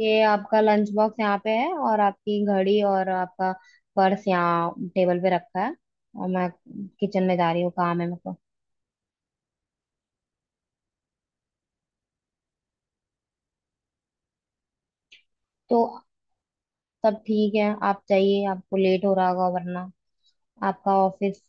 ये आपका lunch box यहाँ पे है और आपकी घड़ी और आपका पर्स यहाँ टेबल पे रखा है। और मैं किचन में जा रही हूँ, काम है मेरे को। तो सब ठीक है, आप जाइए, आपको लेट हो रहा होगा वरना। आपका ऑफिस।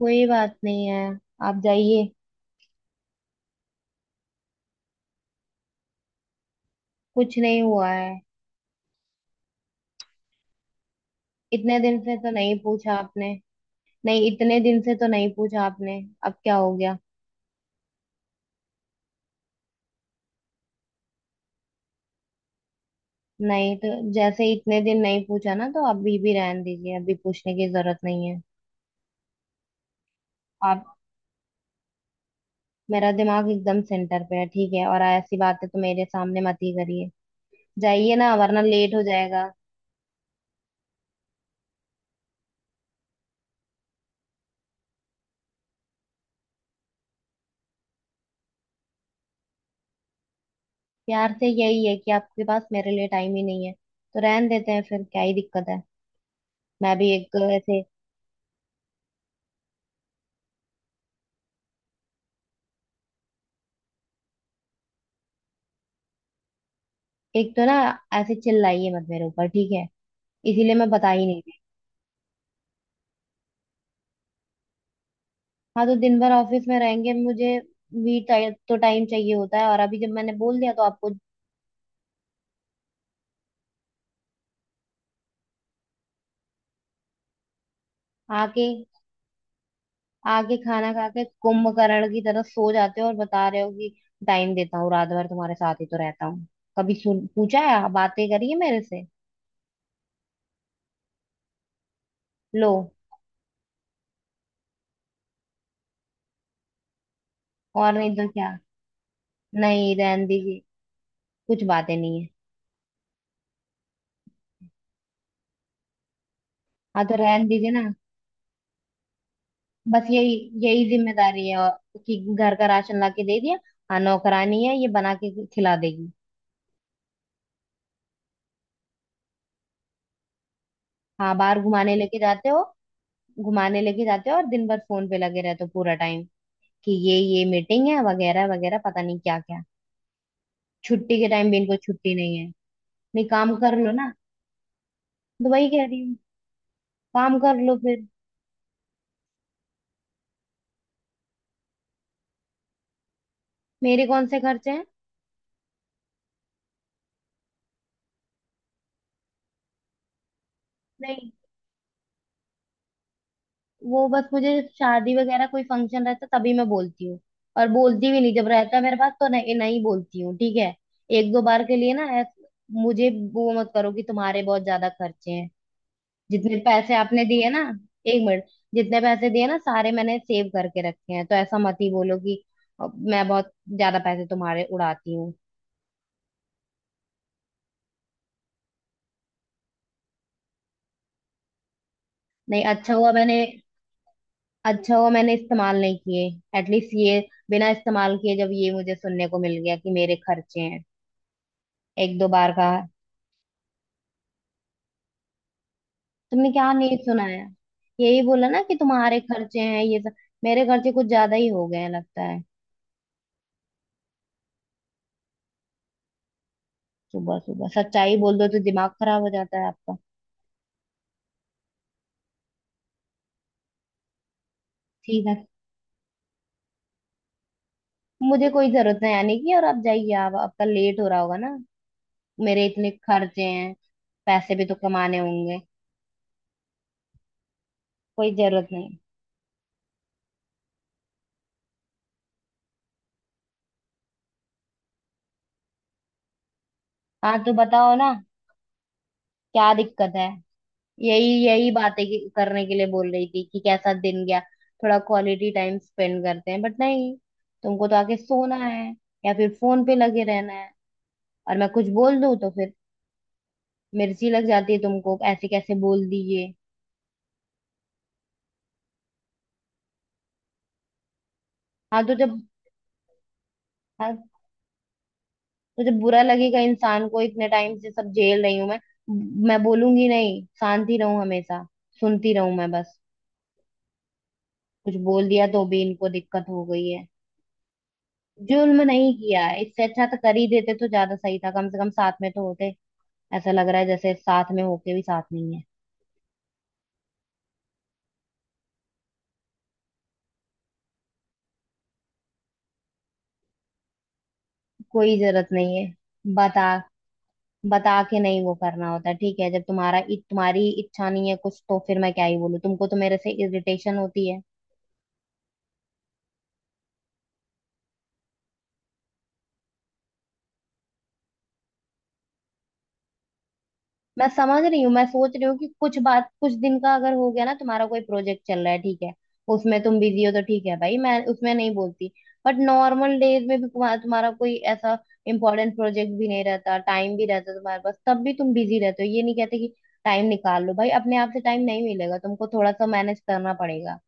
कोई बात नहीं है, आप जाइए। कुछ नहीं हुआ है। इतने दिन से तो नहीं पूछा आपने। नहीं, इतने दिन से तो नहीं पूछा आपने, अब क्या हो गया। नहीं, तो जैसे इतने दिन नहीं पूछा ना, तो अभी भी रहने दीजिए, अभी पूछने की जरूरत नहीं है। आप। मेरा दिमाग एकदम सेंटर पे है, ठीक है, और ऐसी बातें तो मेरे सामने मत ही करिए। जाइए ना वरना लेट हो जाएगा। प्यार से यही है कि आपके पास मेरे लिए टाइम ही नहीं है, तो रहन देते हैं, फिर क्या ही दिक्कत है। मैं भी एक ऐसे। एक तो ना, ऐसे चिल्लाइए मत मेरे ऊपर, ठीक है। इसीलिए मैं बता ही नहीं रही। हाँ, तो दिन भर ऑफिस में रहेंगे, मुझे भी तो टाइम चाहिए होता है, और अभी जब मैंने बोल दिया तो आपको। आके आगे खाना खा के कुंभकर्ण की तरह सो जाते हो, और बता रहे हो कि टाइम देता हूँ, रात भर तुम्हारे साथ ही तो रहता हूँ। कभी सुन पूछा है, बातें करी है मेरे से? लो। और नहीं तो क्या, नहीं रहन दीजिए। कुछ बातें नहीं है। हाँ, तो रहन दीजिए ना। बस यही, यही जिम्मेदारी है, और कि घर का राशन ला के दे दिया। हाँ, नौकरानी है, ये बना के खिला देगी। हाँ, बाहर घुमाने लेके जाते हो। घुमाने लेके जाते हो, और दिन भर फोन पे लगे रहते हो, पूरा टाइम कि ये मीटिंग है, वगैरह वगैरह, पता नहीं क्या क्या। छुट्टी के टाइम भी इनको छुट्टी नहीं है। नहीं, काम कर लो ना। तो वही कह रही हूँ, काम कर लो फिर। मेरे कौन से खर्चे हैं? नहीं। वो बस मुझे शादी वगैरह कोई फंक्शन रहता तभी मैं बोलती हूँ। और बोलती भी नहीं, जब रहता है मेरे पास तो नहीं, नहीं बोलती हूँ, ठीक है। एक दो बार के लिए ना मुझे वो मत करो कि तुम्हारे बहुत ज्यादा खर्चे हैं। जितने पैसे आपने दिए ना, एक मिनट, जितने पैसे दिए ना, सारे मैंने सेव करके रखे हैं, तो ऐसा मत ही बोलो कि मैं बहुत ज्यादा पैसे तुम्हारे उड़ाती हूँ। नहीं, अच्छा हुआ मैंने, अच्छा हुआ मैंने इस्तेमाल नहीं किए। एटलीस्ट ये, बिना इस्तेमाल किए जब ये मुझे सुनने को मिल गया कि मेरे खर्चे हैं, एक दो बार कहा। तुमने क्या नहीं सुनाया? यही बोला ना कि तुम्हारे खर्चे हैं, ये सब। मेरे खर्चे कुछ ज्यादा ही हो गए हैं लगता है। सुबह सुबह सच्चाई बोल दो तो दिमाग खराब हो जाता है आपका। ठीक है, मुझे कोई जरूरत नहीं आने की, और आप जाइए, आप, आपका लेट हो रहा होगा ना, मेरे इतने खर्चे हैं, पैसे भी तो कमाने होंगे। कोई जरूरत नहीं। हाँ, तो बताओ ना, क्या दिक्कत है। यही यही बातें की- करने के लिए बोल रही थी कि कैसा दिन गया, थोड़ा क्वालिटी टाइम स्पेंड करते हैं, बट नहीं, तुमको तो आके सोना है या फिर फोन पे लगे रहना है। और मैं कुछ बोल दूं तो फिर मिर्ची लग जाती है तुमको, ऐसे कैसे बोल दी ये। हाँ तो जब हाँ, तो जब बुरा लगेगा इंसान को, इतने टाइम से सब झेल रही हूं मैं बोलूंगी नहीं, शांति रहूं हमेशा, सुनती रहूं मैं बस, कुछ बोल दिया तो भी इनको दिक्कत हो गई है। जुल्म नहीं किया है, इससे अच्छा तो कर ही देते तो ज्यादा सही था, कम से कम साथ में तो होते। ऐसा लग रहा है जैसे साथ में होके भी साथ नहीं है। कोई जरूरत नहीं है। बता, बता के नहीं वो करना होता, ठीक है, जब तुम्हारा, तुम्हारी इच्छा नहीं है कुछ, तो फिर मैं क्या ही बोलूं, तुमको तो मेरे से इरिटेशन होती है। मैं समझ रही हूँ, मैं सोच रही हूँ कि कुछ बात कुछ दिन का अगर हो गया ना, तुम्हारा कोई प्रोजेक्ट चल रहा है ठीक है, उसमें तुम बिजी हो तो ठीक है भाई, मैं उसमें नहीं बोलती। बट नॉर्मल डेज में भी तुम्हारा तुम्हारा कोई ऐसा इंपॉर्टेंट प्रोजेक्ट भी नहीं रहता, टाइम भी रहता तुम्हारे पास, तब भी तुम बिजी रहते हो, ये नहीं कहते कि टाइम निकाल लो भाई, अपने आप से टाइम नहीं मिलेगा तुमको, थोड़ा सा मैनेज करना पड़ेगा।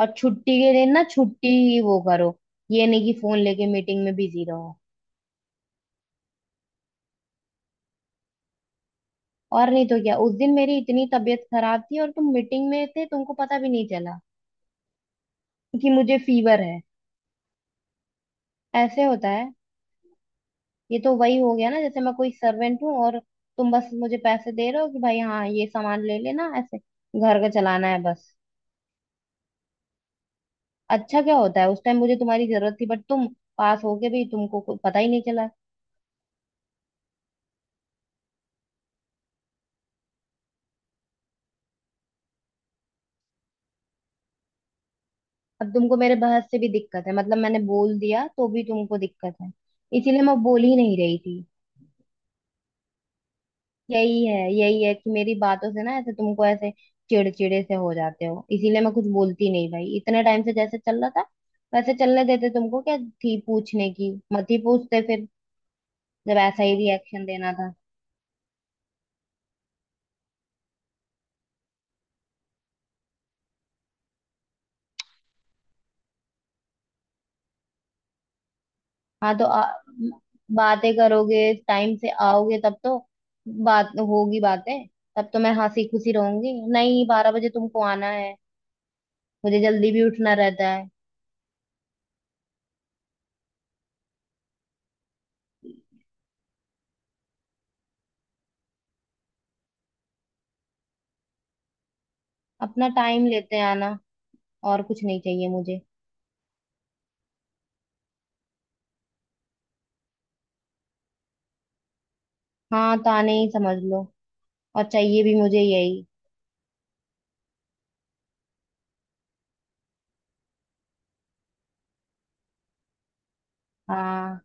और छुट्टी के दिन ना छुट्टी ही वो करो, ये नहीं कि फोन लेके मीटिंग में बिजी रहो। और नहीं तो क्या, उस दिन मेरी इतनी तबीयत खराब थी और तुम मीटिंग में थे, तुमको पता भी नहीं चला कि मुझे फीवर है। ऐसे होता है? ये तो वही हो गया ना जैसे मैं कोई सर्वेंट हूँ, और तुम बस मुझे पैसे दे रहे हो कि भाई हाँ, ये सामान ले लेना, ऐसे घर का चलाना है, बस। अच्छा क्या होता है, उस टाइम मुझे तुम्हारी जरूरत थी, बट तुम पास हो के भी तुमको कोई पता ही नहीं चला। अब तुमको मेरे बहस से भी दिक्कत है, मतलब मैंने बोल दिया तो भी तुमको दिक्कत है, इसीलिए मैं बोल ही नहीं रही थी। यही है, यही है कि मेरी बातों से ना, ऐसे तुमको ऐसे चिड़चिड़े से हो जाते हो, इसीलिए मैं कुछ बोलती नहीं भाई, इतने टाइम से जैसे चल रहा था वैसे चलने देते, तुमको क्या थी पूछने की, मत ही पूछते फिर जब ऐसा ही रिएक्शन देना था। हाँ, तो बातें करोगे, टाइम से आओगे तब तो बात होगी, बातें, तब तो मैं हंसी खुशी रहूंगी, नहीं बारह बजे तुमको आना है, मुझे जल्दी भी उठना रहता है। अपना टाइम लेते आना, और कुछ नहीं चाहिए मुझे। हाँ, ताने ही समझ लो, और चाहिए भी मुझे यही। हाँ।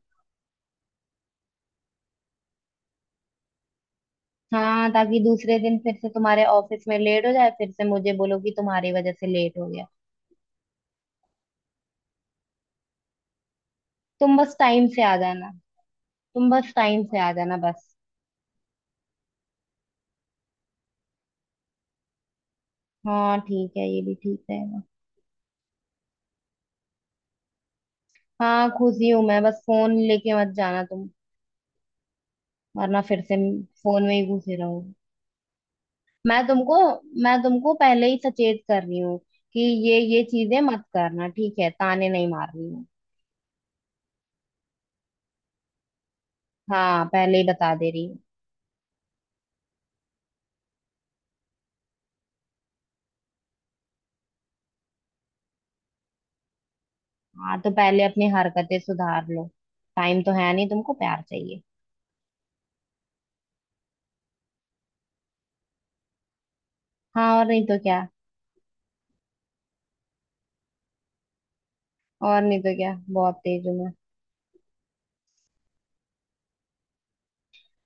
हाँ, ताकि दूसरे दिन फिर से तुम्हारे ऑफिस में लेट हो जाए, फिर से मुझे बोलो कि तुम्हारी वजह से लेट हो गया। तुम बस टाइम से आ जाना। तुम बस टाइम से आ जाना, बस। हाँ ठीक है, ये भी ठीक रहेगा। हाँ, खुशी हूँ मैं, बस फोन लेके मत जाना तुम, वरना फिर से फोन में ही घुसे रहोगे। मैं तुमको, मैं तुमको पहले ही सचेत कर रही हूँ कि ये चीजें मत करना, ठीक है, ताने नहीं मार रही हूँ। हाँ, पहले ही बता दे रही हूँ। हाँ, तो पहले अपनी हरकतें सुधार लो। टाइम तो है नहीं, तुमको प्यार चाहिए। हाँ, और नहीं तो क्या। और नहीं तो क्या, बहुत तेज हूँ मैं।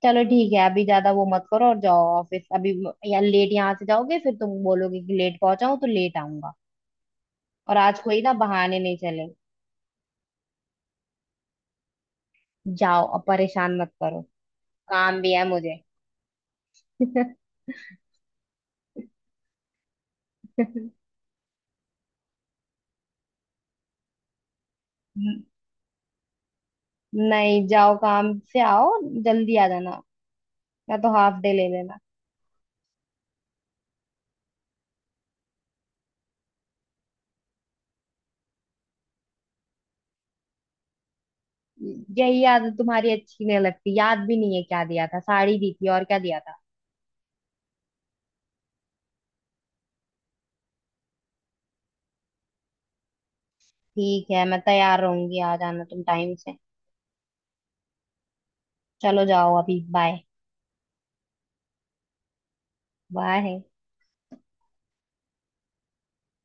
चलो ठीक है, अभी ज्यादा वो मत करो और जाओ ऑफिस अभी, या लेट यहाँ से जाओगे, फिर तुम बोलोगे कि लेट पहुंचाऊं तो लेट आऊंगा। और आज कोई ना बहाने नहीं चले। जाओ, अब परेशान मत करो, काम भी है मुझे। नहीं, जाओ, काम से आओ, जल्दी आ जाना, या तो हाफ डे ले लेना। यही आदत तुम्हारी अच्छी नहीं लगती, याद भी नहीं है क्या दिया था, साड़ी दी थी और क्या दिया था। ठीक है, मैं तैयार रहूंगी, आ जाना तुम टाइम से। चलो जाओ अभी, बाय। बाय।